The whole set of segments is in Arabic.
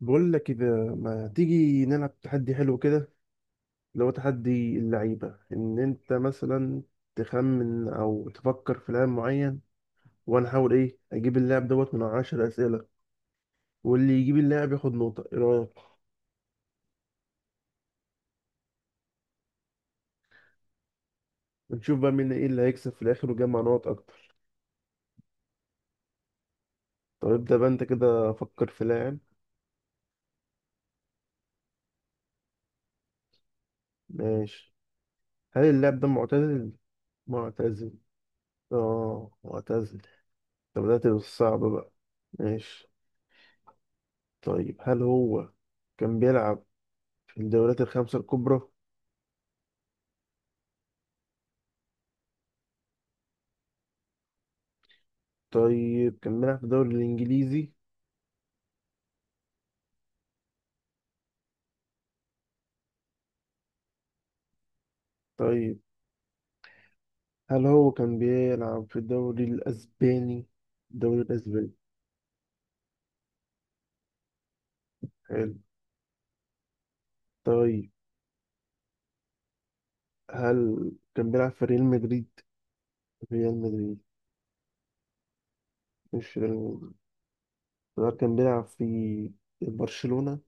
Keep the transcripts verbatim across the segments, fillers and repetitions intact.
بقول لك إذا ما تيجي نلعب تحدي حلو كده، اللي هو تحدي اللعيبة إن أنت مثلا تخمن أو تفكر في لاعب معين، وأنا أحاول إيه أجيب اللاعب دوت من عشر أسئلة، واللي يجيب اللاعب ياخد نقطة. إيه رأيك؟ ونشوف بقى مين إيه اللي هيكسب في الآخر ويجمع نقط أكتر. طب ابدأ بقى أنت كده، فكر في لاعب. ماشي. هل اللاعب ده معتزل؟ معتزل. آه، معتزل. طب بدأت بالصعب بقى. ماشي. طيب هل هو كان بيلعب في الدوريات الخمسة الكبرى؟ طيب، كان بيلعب في الدوري الإنجليزي. طيب هل هو كان بيلعب في الدوري الأسباني؟ الدوري الأسباني. حلو. طيب هل كان بيلعب في ريال مدريد؟ ريال مدريد. مش ريال مدريد. طب هل كان بيلعب في برشلونة؟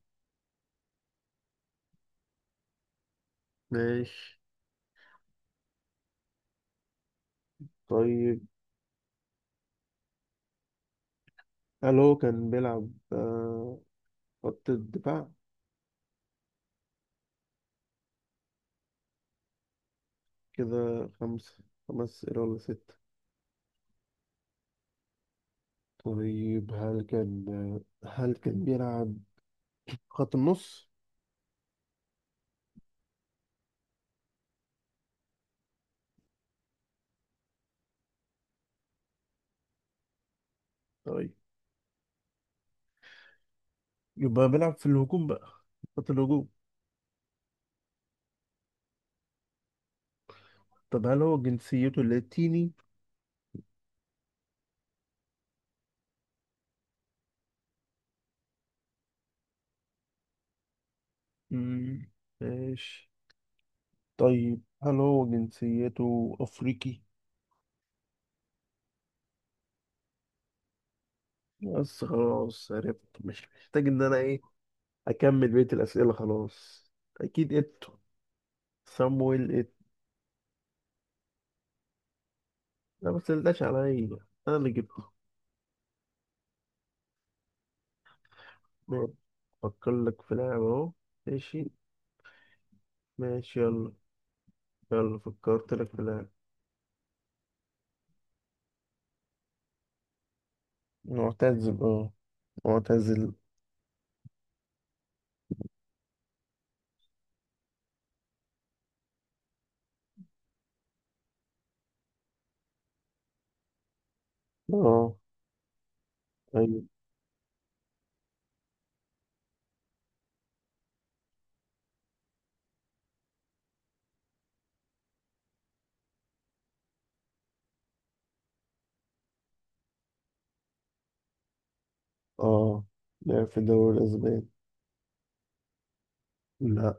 ماشي. طيب هل هو كان بيلعب آه، خط الدفاع؟ كده خمسة خمس أسئلة ولا ستة؟ طيب هل كان آه، هل كان بيلعب خط النص؟ طيب يبقى بيلعب في الهجوم بقى، خط الهجوم. طب هل هو جنسيته لاتيني؟ مم، ماشي. طيب هل هو جنسيته أفريقي؟ بس خلاص عرفت، مش محتاج إن أنا إيه أكمل بقية الأسئلة. خلاص. أكيد إتو. سامويل إتو. لا، ما تسألناش عليا، أنا اللي جبته. ماشي. أفكر لك في لاعب أهو. ماشي. ماشي يلا. يلا، فكرت لك في لاعب معتزل. أه معتزل. أه. أيوة. اه، لعب في الدوري الأسباني. لا.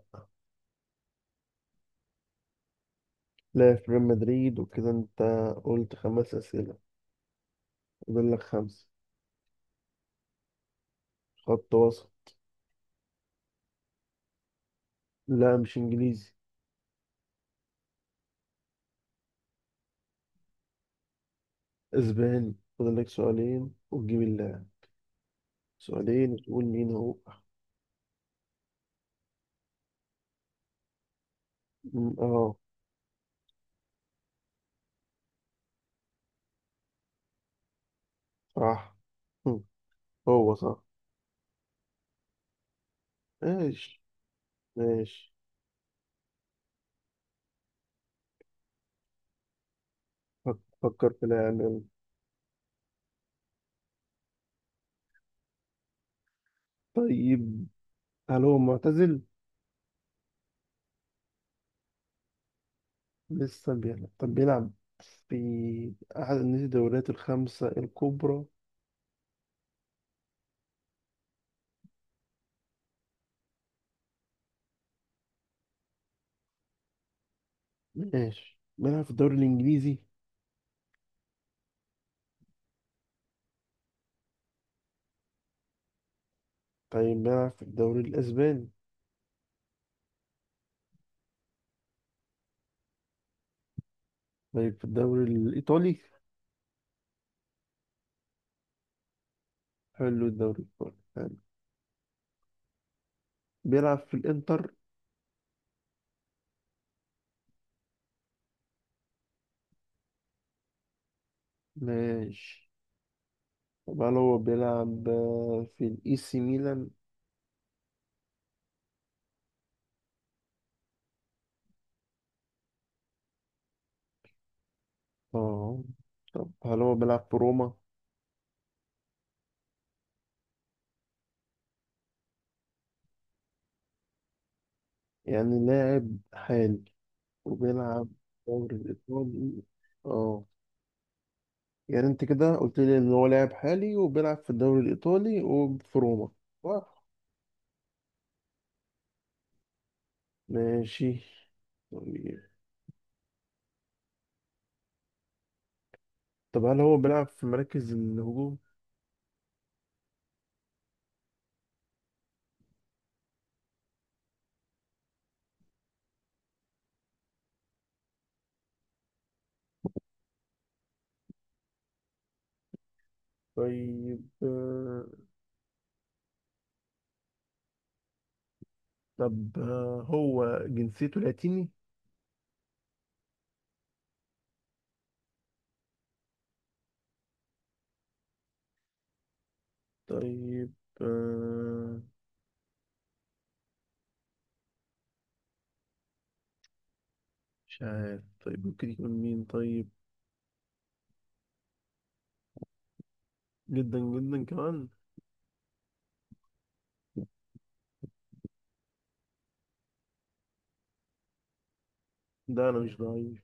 لعب في ريال مدريد، وكده أنت قلت خمس أسئلة، فاضل لك خمسة. خط وسط. لا، مش إنجليزي. أسباني. فاضل لك سؤالين وتجيب اللاعب، سؤالين وتقول مين هو. م- اه. صح. هم، هو صح. ماشي. ماشي. فك- فكر في لاعب يلا. طيب هل هو معتزل؟ لسه بيلعب. طب بيلعب في أحد الدوريات الخمسة الكبرى. ماشي، بيلعب في الدوري الإنجليزي. طيب بيلعب في الدوري الأسباني. طيب في الدوري الإيطالي. حلو، الدوري الإيطالي حلو. بيلعب في الإنتر. ماشي. طب هل هو بيلعب آه، في الإي سي ميلان؟ اه. طب هل هو بيلعب في روما؟ يعني لاعب حالي وبيلعب في الدوري الإيطالي. اه. يعني انت كده قلت لي ان هو لاعب حالي وبيلعب في الدوري الإيطالي وفي روما. صح. ماشي. طيب. طب هل هو بيلعب في مراكز الهجوم؟ طيب آه، طب آه، هو جنسيته لاتيني؟ طيب آه، مش عارف، طيب ممكن يكون مين طيب؟ جدا جدا كمان. ده أنا مش ضعيف.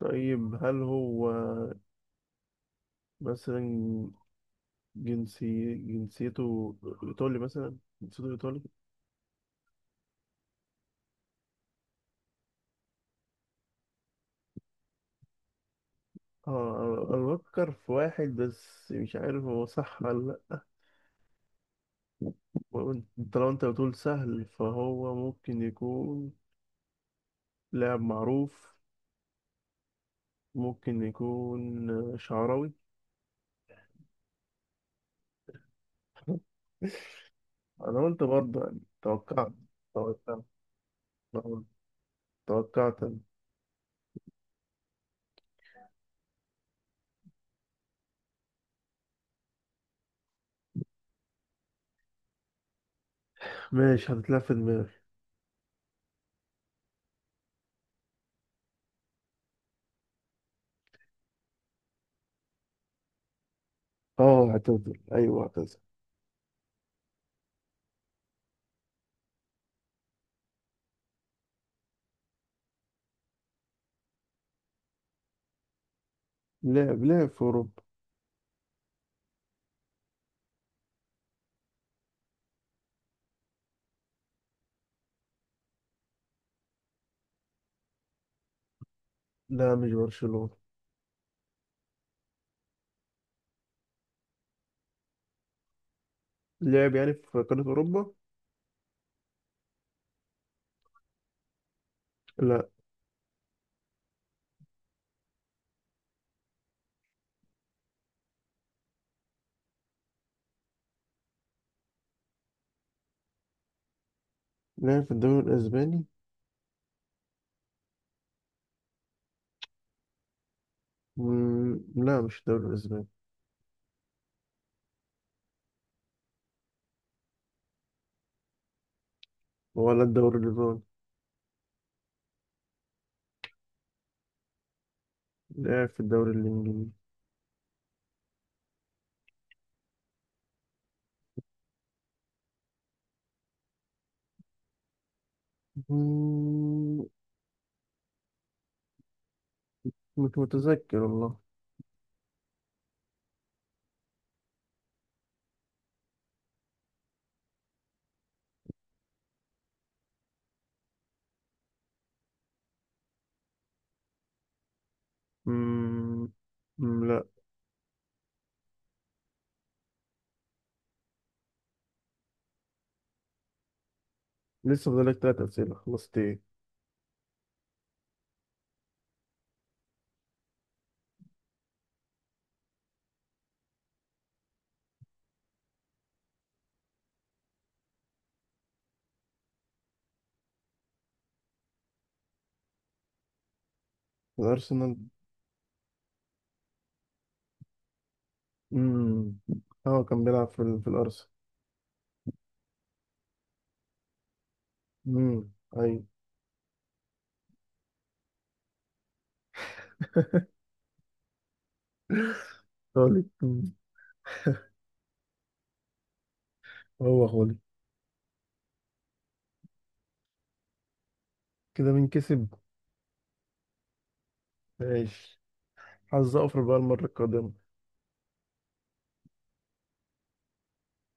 طيب هل هو مثلا جنسي جنسيته إيطالي مثلا؟ جنسيته إيطالي؟ اه، انا بفكر في واحد بس مش عارف هو صح ولا لا. وأنت- انت لو انت بتقول سهل فهو ممكن يكون لاعب معروف. ممكن يكون آه، شعراوي. انا قلت برضه، يعني توقعت توقعت توقعت أنا. ماشي. هتتلعب في دماغي. اه اعتزل، ايوه اعتزل. لعب لعب في اوروبا. لا، مش برشلونة. لعب يعني في قارة اوروبا. لا. لعب في الدوري الاسباني. مم، لا، مش الدوري الاسباني. ولا الدوري الياباني. لعب في الدوري الانجليزي. مم، مش متذكر والله. مم، مم، لا. لسه فاضلك تلات أسئلة، خلصت إيه؟ الأرسنال. مم. هو كان بيلعب في, ال- في الأرسنال. مم. أيوة. خالد. مم. هو خالد. كده مين كسب؟ ماشي، حظ أوفر بقى المرة القادمة.